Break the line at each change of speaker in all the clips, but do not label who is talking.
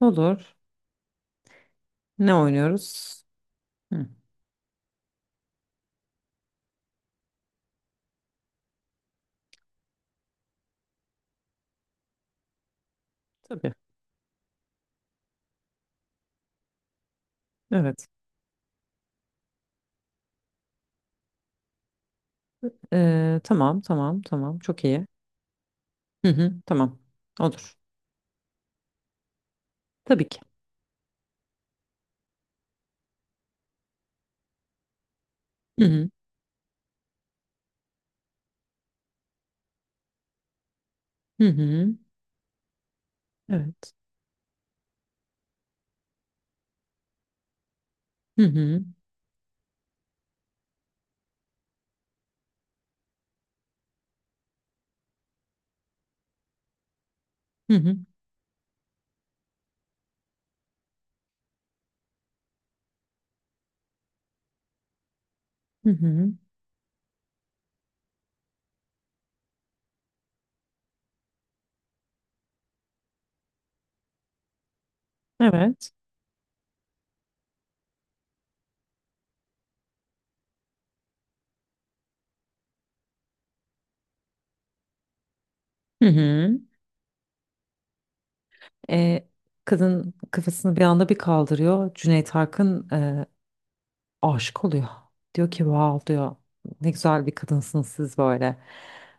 Olur. Ne oynuyoruz? Hı, tabii. Evet. Tamam, tamam, tamam. Çok iyi. Hı hı, tamam. Olur. Tabii ki. Hı hı, hı hı. Evet. Hı hı, hı hı, hı hı. Evet. Hı hı. Ee, Kadın kafasını bir anda bir kaldırıyor. Cüneyt Arkın aşık oluyor. Diyor ki, wow diyor. Ne güzel bir kadınsınız siz böyle.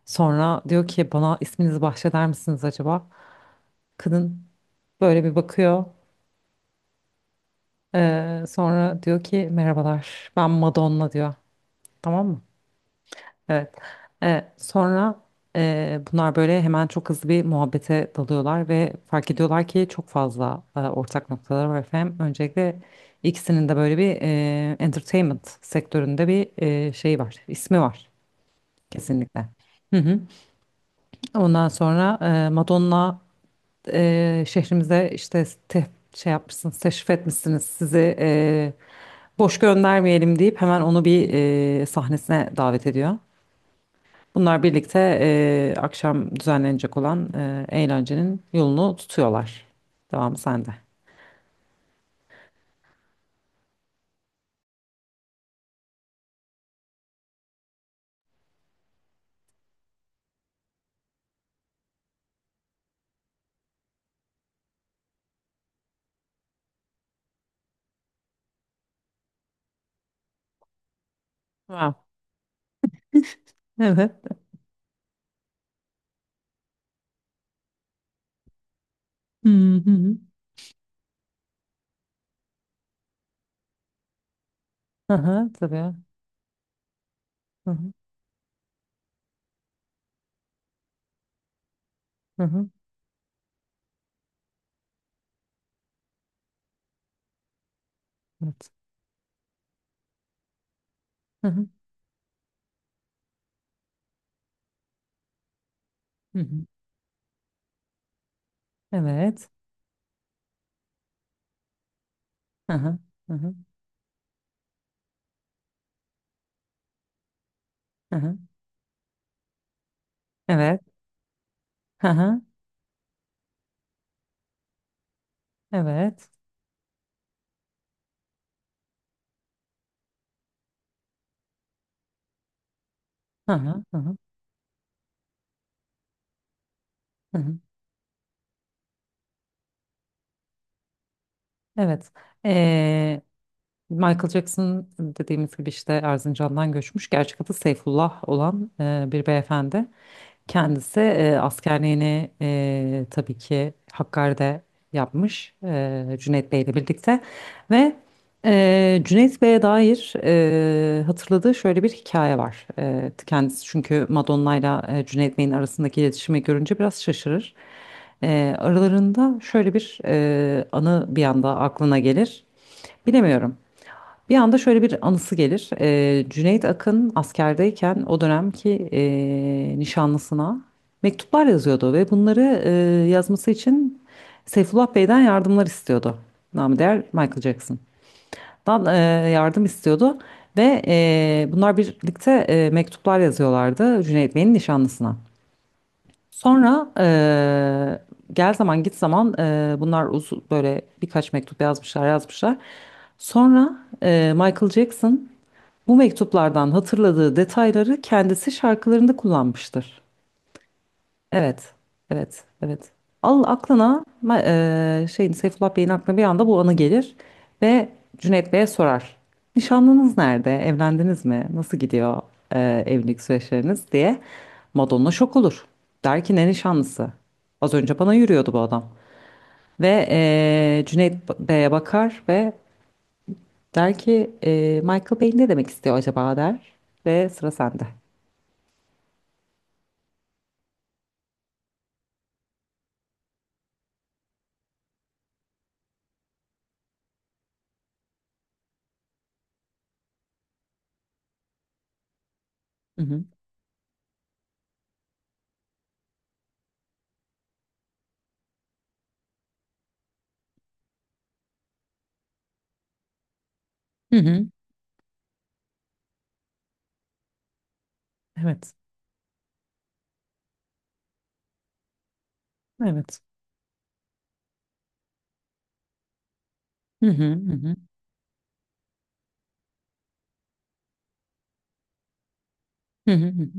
Sonra diyor ki bana isminizi bahşeder misiniz acaba? Kadın böyle bir bakıyor. Sonra diyor ki merhabalar, ben Madonna diyor. Tamam mı? Evet. Sonra bunlar böyle hemen çok hızlı bir muhabbete dalıyorlar ve fark ediyorlar ki çok fazla ortak noktalar var efendim. Öncelikle ikisinin de böyle bir entertainment sektöründe bir şey var, ismi var kesinlikle. Hı hı. Ondan sonra Madonna şehrimize işte şey yapmışsınız, teşrif etmişsiniz, sizi boş göndermeyelim deyip hemen onu bir sahnesine davet ediyor. Bunlar birlikte akşam düzenlenecek olan eğlencenin yolunu tutuyorlar. Devamı sende. Wow. Evet. Hı hı. Hı hı, hı, tabii. Hı hı. Hı hı. Evet. Hı hı. Hı hı. Evet. Hı hı. Hı hı. Hı hı. Evet. Hı hı. Evet. Hı hı. Hı hı. Hı hı. Evet. Ee, Michael Jackson dediğimiz gibi işte Erzincan'dan göçmüş. Gerçek adı Seyfullah olan bir beyefendi. Kendisi askerliğini tabii ki Hakkari'de yapmış Cüneyt Bey ile birlikte. Ve Cüneyt Bey'e dair hatırladığı şöyle bir hikaye var. Kendisi çünkü Madonna ile Cüneyt Bey'in arasındaki iletişimi görünce biraz şaşırır. Aralarında şöyle bir anı bir anda aklına gelir. Bilemiyorum. Bir anda şöyle bir anısı gelir. Cüneyt Akın askerdeyken o dönemki nişanlısına mektuplar yazıyordu ve bunları yazması için Seyfullah Bey'den yardımlar istiyordu. Namı değer Michael Jackson'dan e, yardım istiyordu ve bunlar birlikte mektuplar yazıyorlardı Cüneyt Bey'in nişanlısına. Sonra gel zaman git zaman bunlar böyle birkaç mektup yazmışlar. Sonra Michael Jackson bu mektuplardan hatırladığı detayları kendisi şarkılarında kullanmıştır. Evet, evet, evet. Al aklına ma- şeyin, Seyfullah Bey'in aklına bir anda bu anı gelir ve Cüneyt Bey'e sorar. Nişanlınız nerede? Evlendiniz mi? Nasıl gidiyor evlilik süreçleriniz diye. Madonna şok olur. Der ki ne nişanlısı? Az önce bana yürüyordu bu adam. Ve Cüneyt Bey'e bakar ve der ki Michael Bey ne demek istiyor acaba der. Ve sıra sende. Hı hı. Hı hı. Evet. Evet. Hı hı. Hı hı. Hı hı. Hı hı.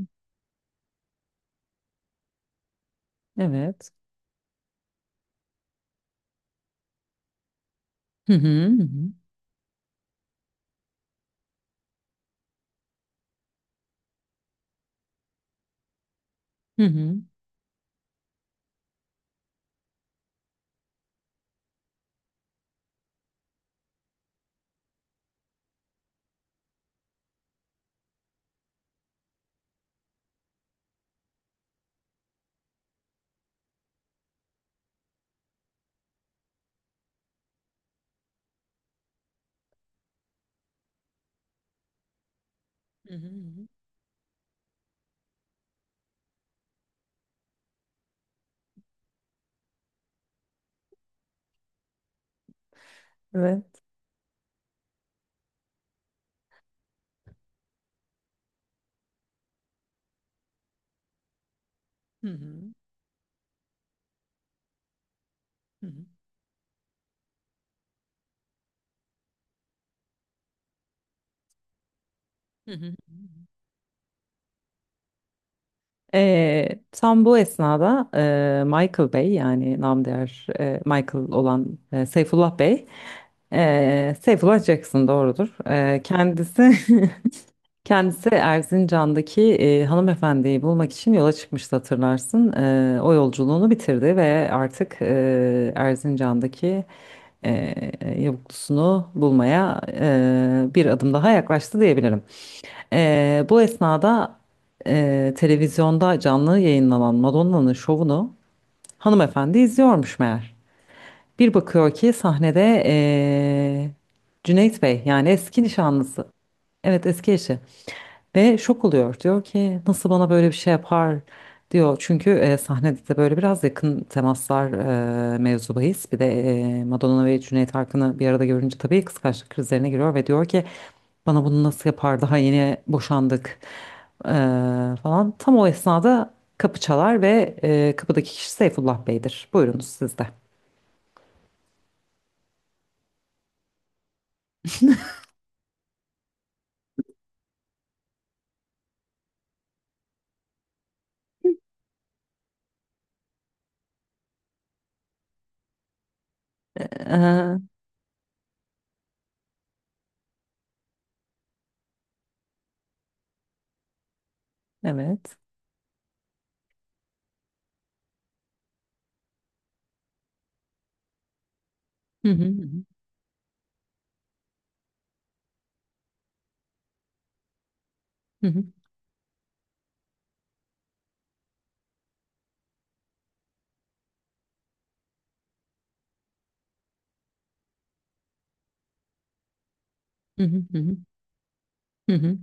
Evet. Hı hı. Hı hı. Hı hı. Hı hı. Evet. Hı, evet. Hı. Hı hı. Hı hı. Hı. Tam bu esnada Michael Bey, yani namdiğer Michael olan Seyfullah Bey, Seyfullah Jackson doğrudur. Kendisi kendisi Erzincan'daki hanımefendiyi bulmak için yola çıkmıştı, hatırlarsın. O yolculuğunu bitirdi ve artık Erzincan'daki e, yavuklusunu bulmaya bir adım daha yaklaştı diyebilirim. Bu esnada televizyonda canlı yayınlanan Madonna'nın şovunu hanımefendi izliyormuş meğer. Bir bakıyor ki sahnede Cüneyt Bey, yani eski nişanlısı. Evet, eski eşi. Ve şok oluyor. Diyor ki nasıl bana böyle bir şey yapar diyor. Çünkü sahnede de böyle biraz yakın temaslar mevzu bahis. Bir de Madonna ve Cüneyt Arkın'ı bir arada görünce tabii kıskançlık krizlerine giriyor ve diyor ki bana bunu nasıl yapar, daha yeni boşandık e, falan. Tam o esnada kapı çalar ve kapıdaki kişi Seyfullah Bey'dir. Buyurunuz siz de. Ee, evet. Hı hı, hı hı, hı hı, hı hı, hı hı.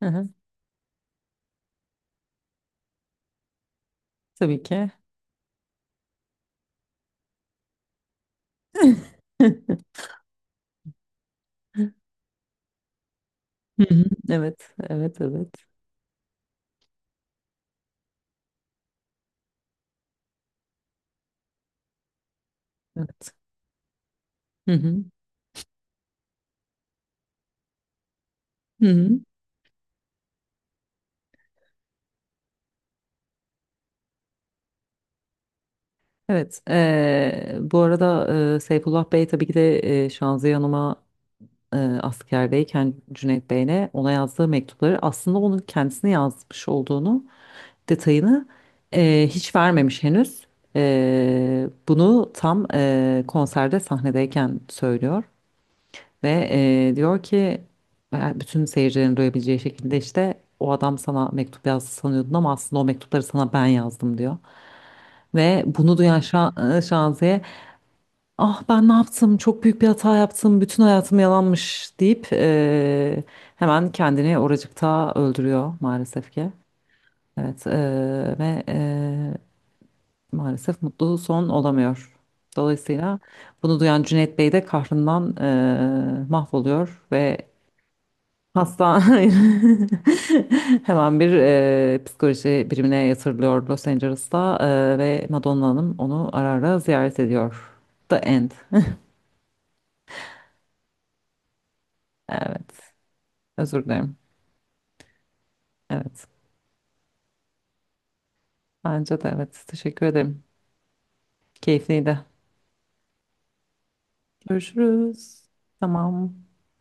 Aha. Tabii ki. Hı hı. Evet, evet, evet, evet. Hı hı. Hı hı. Evet. Bu arada Seyfullah Bey tabii ki de Şanziye Hanım'a askerdeyken Cüneyt Bey'ine ona yazdığı mektupları aslında onun kendisine yazmış olduğunu, detayını hiç vermemiş henüz. Bunu tam konserde sahnedeyken söylüyor. Ve diyor ki bütün seyircilerin duyabileceği şekilde işte o adam sana mektup yazdı sanıyordun, ama aslında o mektupları sana ben yazdım diyor. Ve bunu duyan Şaziye, ah ben ne yaptım, çok büyük bir hata yaptım, bütün hayatım yalanmış deyip hemen kendini oracıkta öldürüyor maalesef ki. Evet, ve maalesef mutlu son olamıyor. Dolayısıyla bunu duyan Cüneyt Bey de kahrından mahvoluyor ve hasta hayır. Hemen bir psikoloji birimine yatırılıyor Los Angeles'ta, ve Madonna Hanım onu ara ara ziyaret ediyor. The End. Evet. Özür dilerim. Evet. Bence de evet. Teşekkür ederim. Keyifliydi. Görüşürüz. Tamam.